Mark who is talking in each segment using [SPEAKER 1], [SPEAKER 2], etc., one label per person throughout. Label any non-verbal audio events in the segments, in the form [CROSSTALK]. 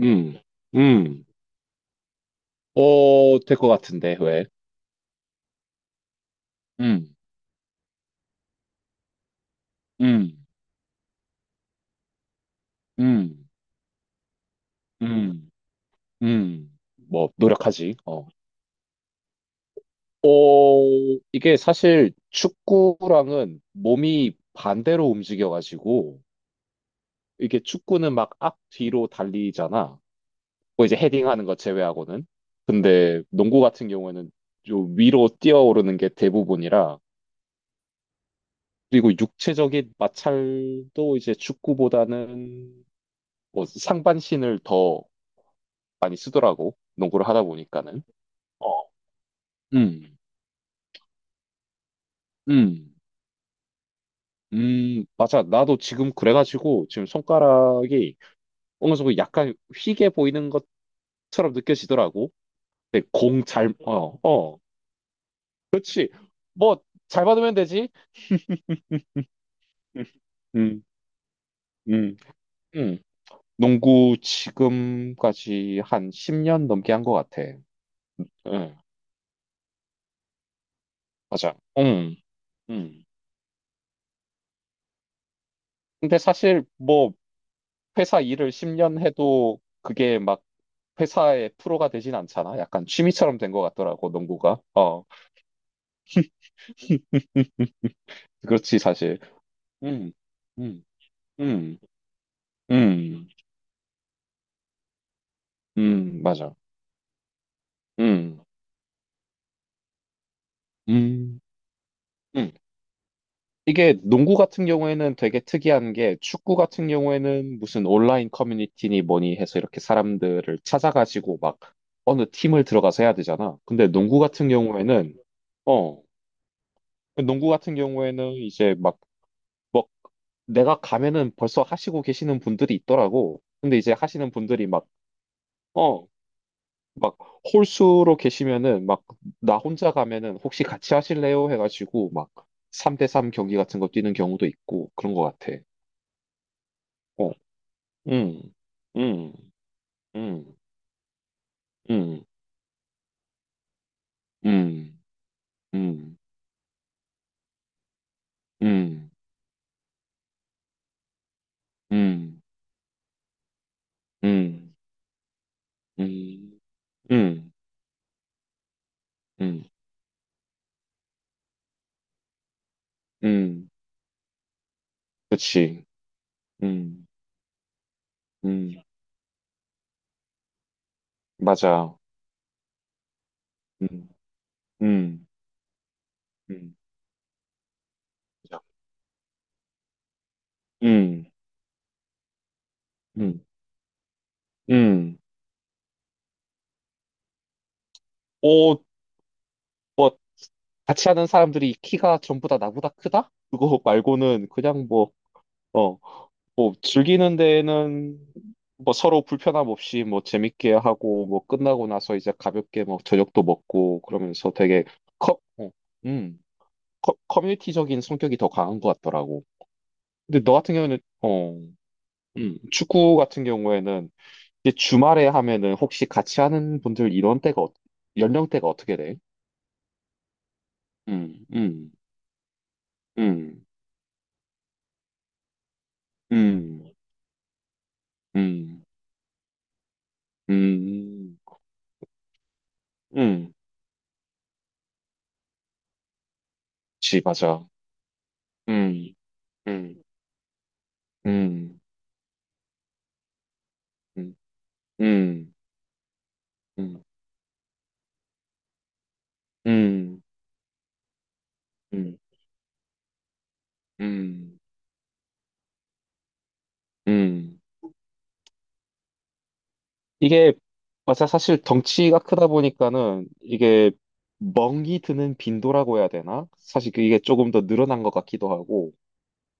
[SPEAKER 1] 음, 음, 어, 될 것 같은데, 왜? 음, 음, 음, 음, 뭐, 노력하지, 어. 어, 이게 사실 축구랑은 몸이 반대로 움직여가지고, 이게 축구는 막 앞, 뒤로 달리잖아. 뭐 이제 헤딩하는 거 제외하고는. 근데 농구 같은 경우에는 좀 위로 뛰어오르는 게 대부분이라, 그리고 육체적인 마찰도 이제 축구보다는 뭐 상반신을 더 많이 쓰더라고. 농구를 하다 보니까는. 어, 음, 음, 맞아. 나도 지금 그래가지고 지금 손가락이 어느 정도 약간 휘게 보이는 것처럼 느껴지더라고. 근데 공 뭐, 잘 받으면 되지. 음. 음. 음. 농구 지금까지 한 10년 넘게 한 것 같아. 응, 맞아. 응, 응. 근데 사실 뭐 회사 일을 10년 해도 그게 막 회사의 프로가 되진 않잖아. 약간 취미처럼 된 것 같더라고, 농구가. 어, 그렇지, 사실. 음, 음, 음, 음, 맞아. 음. 음. 음. 이게 농구 같은 경우에는 되게 특이한 게 축구 같은 경우에는 무슨 온라인 커뮤니티니 뭐니 해서 이렇게 사람들을 찾아가지고 막 어느 팀을 들어가서 해야 되잖아. 근데 농구 같은 경우에는, 어, 농구 같은 경우에는 이제 막 내가 가면은 벌써 하시고 계시는 분들이 있더라고. 근데 이제 하시는 분들이 막, 어, 막 홀수로 계시면은 막 나 혼자 가면은 혹시 같이 하실래요? 해가지고 막 3대3 경기 같은 거 뛰는 경우도 있고 그런 것 같아. 어, 음, 음, 음, 음, 음, 음, 음, 음, 음, 음, 음, 음, 음, 그치. 음, 음, 맞아. 음. 음. 음. 음. 음. 음. 어, 같이 하는 사람들이 키가 전부 다 나보다 크다? 그거 [LAUGHS] 말고는 그냥 뭐, 어, 뭐, 즐기는 데에는 뭐 서로 불편함 없이 뭐 재밌게 하고 뭐 끝나고 나서 이제 가볍게 뭐 저녁도 먹고 그러면서 되게 커, 어, 음, 커뮤니티적인 성격이 더 강한 것 같더라고. 근데 너 같은 경우는, 축구 같은 경우에는 이제 주말에 하면은 혹시 같이 하는 분들 이런 때가, 연령대가 어떻게 돼? 음. 음. 음. 음, 음, 음, 음, 맞아. 음. 음. 음. 음. 음. 음. 음. 음. 음. 음. 이게, 맞아. 사실 덩치가 크다 보니까는 이게 멍이 드는 빈도라고 해야 되나? 사실 그게 조금 더 늘어난 것 같기도 하고,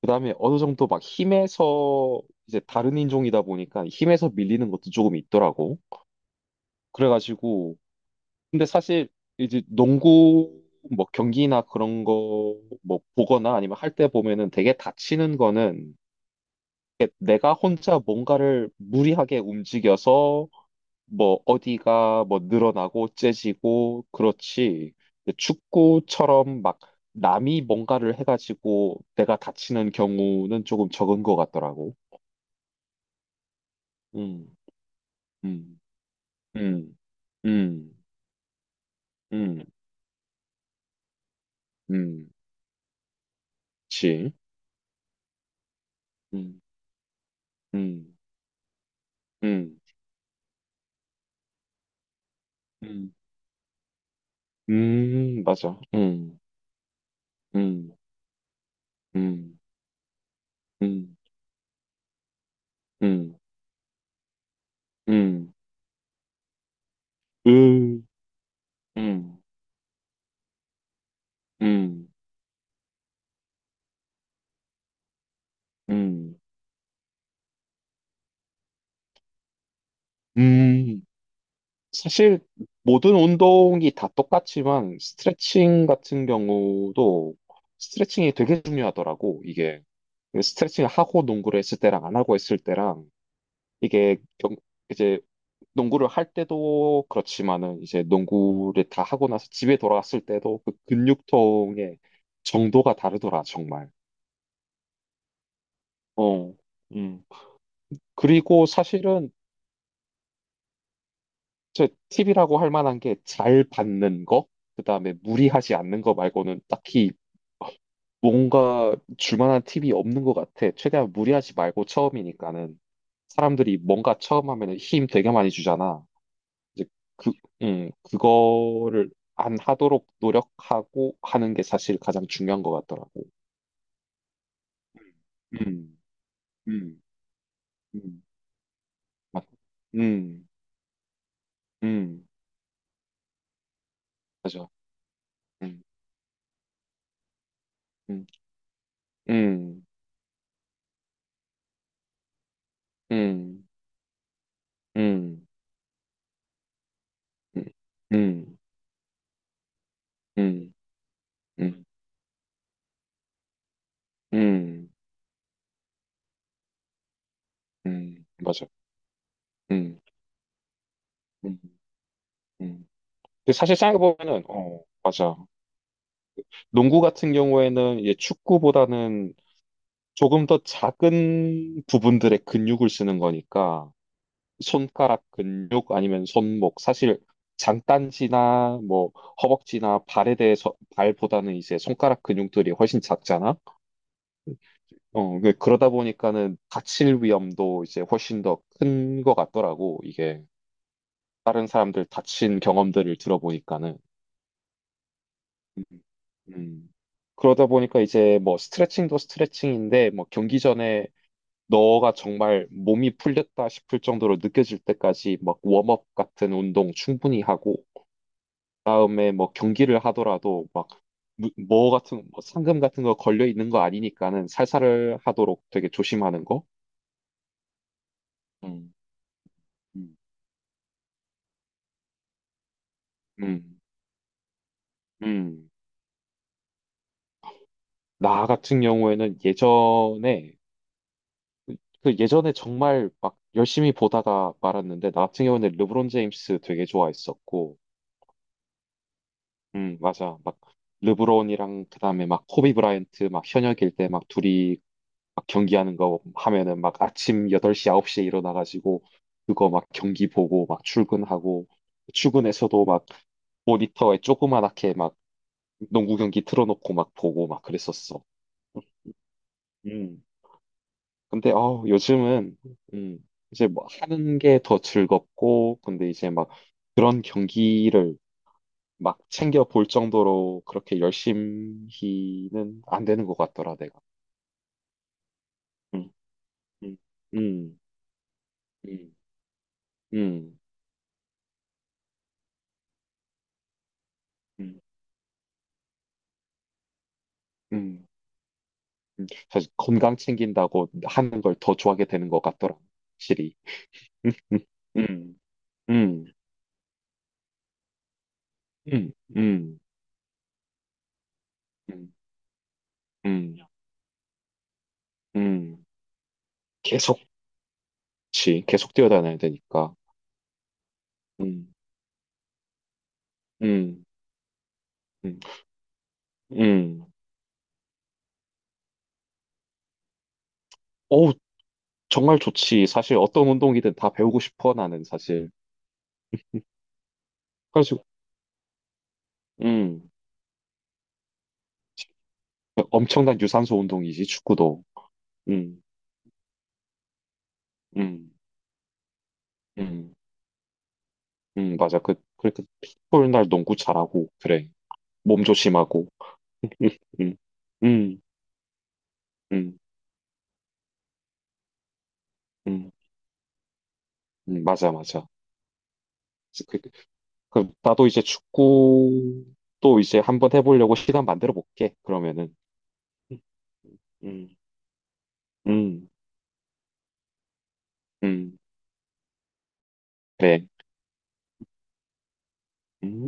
[SPEAKER 1] 그 다음에 어느 정도 막 힘에서 이제 다른 인종이다 보니까 힘에서 밀리는 것도 조금 있더라고. 그래가지고, 근데 사실 이제 농구 뭐 경기나 그런 거 뭐 보거나 아니면 할 때 보면은 되게 다치는 거는 내가 혼자 뭔가를 무리하게 움직여서 뭐 어디가 뭐 늘어나고 째지고 그렇지. 근데 축구처럼 막 남이 뭔가를 해가지고 내가 다치는 경우는 조금 적은 것 같더라고. 음, 음, 음, 음, 음, 음, 그치. 음. 음. 음. 음. 맞아. 음. 음. 음. 음. 음. 음. 음. 음. 음. 음. 음. 사실 모든 운동이 다 똑같지만 스트레칭 같은 경우도 스트레칭이 되게 중요하더라고. 이게 스트레칭을 하고 농구를 했을 때랑 안 하고 했을 때랑 이게 경, 이제 농구를 할 때도 그렇지만은 이제 농구를 다 하고 나서 집에 돌아왔을 때도 그 근육통의 정도가 다르더라, 정말. 어. 음. 그리고 사실은 저 팁이라고 할 만한 게 잘 받는 거, 그다음에 무리하지 않는 거 말고는 딱히 뭔가 줄 만한 팁이 없는 것 같아. 최대한 무리하지 말고 처음이니까는 사람들이 뭔가 처음 하면은 힘 되게 많이 주잖아. 이제 그, 그거를 안 하도록 노력하고 하는 게 사실 가장 중요한 것 같더라고. 음, 음, 음, 맞, 음, 음, 맞아. 음, 음, 음, 음, 음, 음, 음, 음, 음, 음, 맞아. 음. 음. 음. 근데 사실 생각해보면은, 어, 맞아. 농구 같은 경우에는 이제 축구보다는 조금 더 작은 부분들의 근육을 쓰는 거니까, 손가락 근육 아니면 손목 사실 장딴지나 뭐 허벅지나 발에 대해서 발보다는 이제 손가락 근육들이 훨씬 작잖아. 어, 그러다 보니까는 다칠 위험도 이제 훨씬 더 큰 것 같더라고. 이게 다른 사람들 다친 경험들을 들어보니까는. 음. 음. 그러다 보니까 이제 뭐 스트레칭도 스트레칭인데 뭐 경기 전에 너가 정말 몸이 풀렸다 싶을 정도로 느껴질 때까지 막 웜업 같은 운동 충분히 하고 그다음에 뭐 경기를 하더라도 막 뭐 같은 뭐 상금 같은 거 걸려 있는 거 아니니까는 살살을 하도록 되게 조심하는 거. 음. 음. 음. 음. 나 같은 경우에는 예전에 정말 막 열심히 보다가 말았는데 나 같은 경우에는 르브론 제임스 되게 좋아했었고 맞아. 막 르브론이랑 그다음에 막 코비 브라이언트 막 현역일 때 막 둘이 막 경기하는 거 하면은 막 아침 8시 9시에 일어나 가지고 그거 막 경기 보고 막 출근하고 출근해서도 막 모니터에 조그만하게 막 농구 경기 틀어놓고 막 보고 막 그랬었어. 음. 근데 요즘은 음 이제 뭐 하는 게 더 즐겁고 근데 이제 막 그런 경기를 막 챙겨 볼 정도로 그렇게 열심히는 안 되는 것 같더라, 내가. 음. 음. 음. 음. 음. 음. 음. 음. 사실 건강 챙긴다고 하는 걸 더 좋아하게 되는 것 같더라, 확실히. 음. 음. 음. 음. 음. 음. 음. 음. 음. 계속, 계속 뛰어다녀야 되니까. 음. 음. 음. 음. 어우, 정말 좋지. 사실 어떤 운동이든 다 배우고 싶어, 나는 사실. 그래가지고, 음. 엄청난 유산소 운동이지, 축구도. 음, 음, 음, 맞아. 그렇게 풋볼 날 농구 잘하고, 그래. 몸 조심하고. 음, 음, 음, 음, 음, 맞아, 맞아. 그, 그, 나도 이제 축구도 이제 한번 해보려고 시간 만들어 볼게, 그러면은. 음, 음, 음, 음, 그래. 음.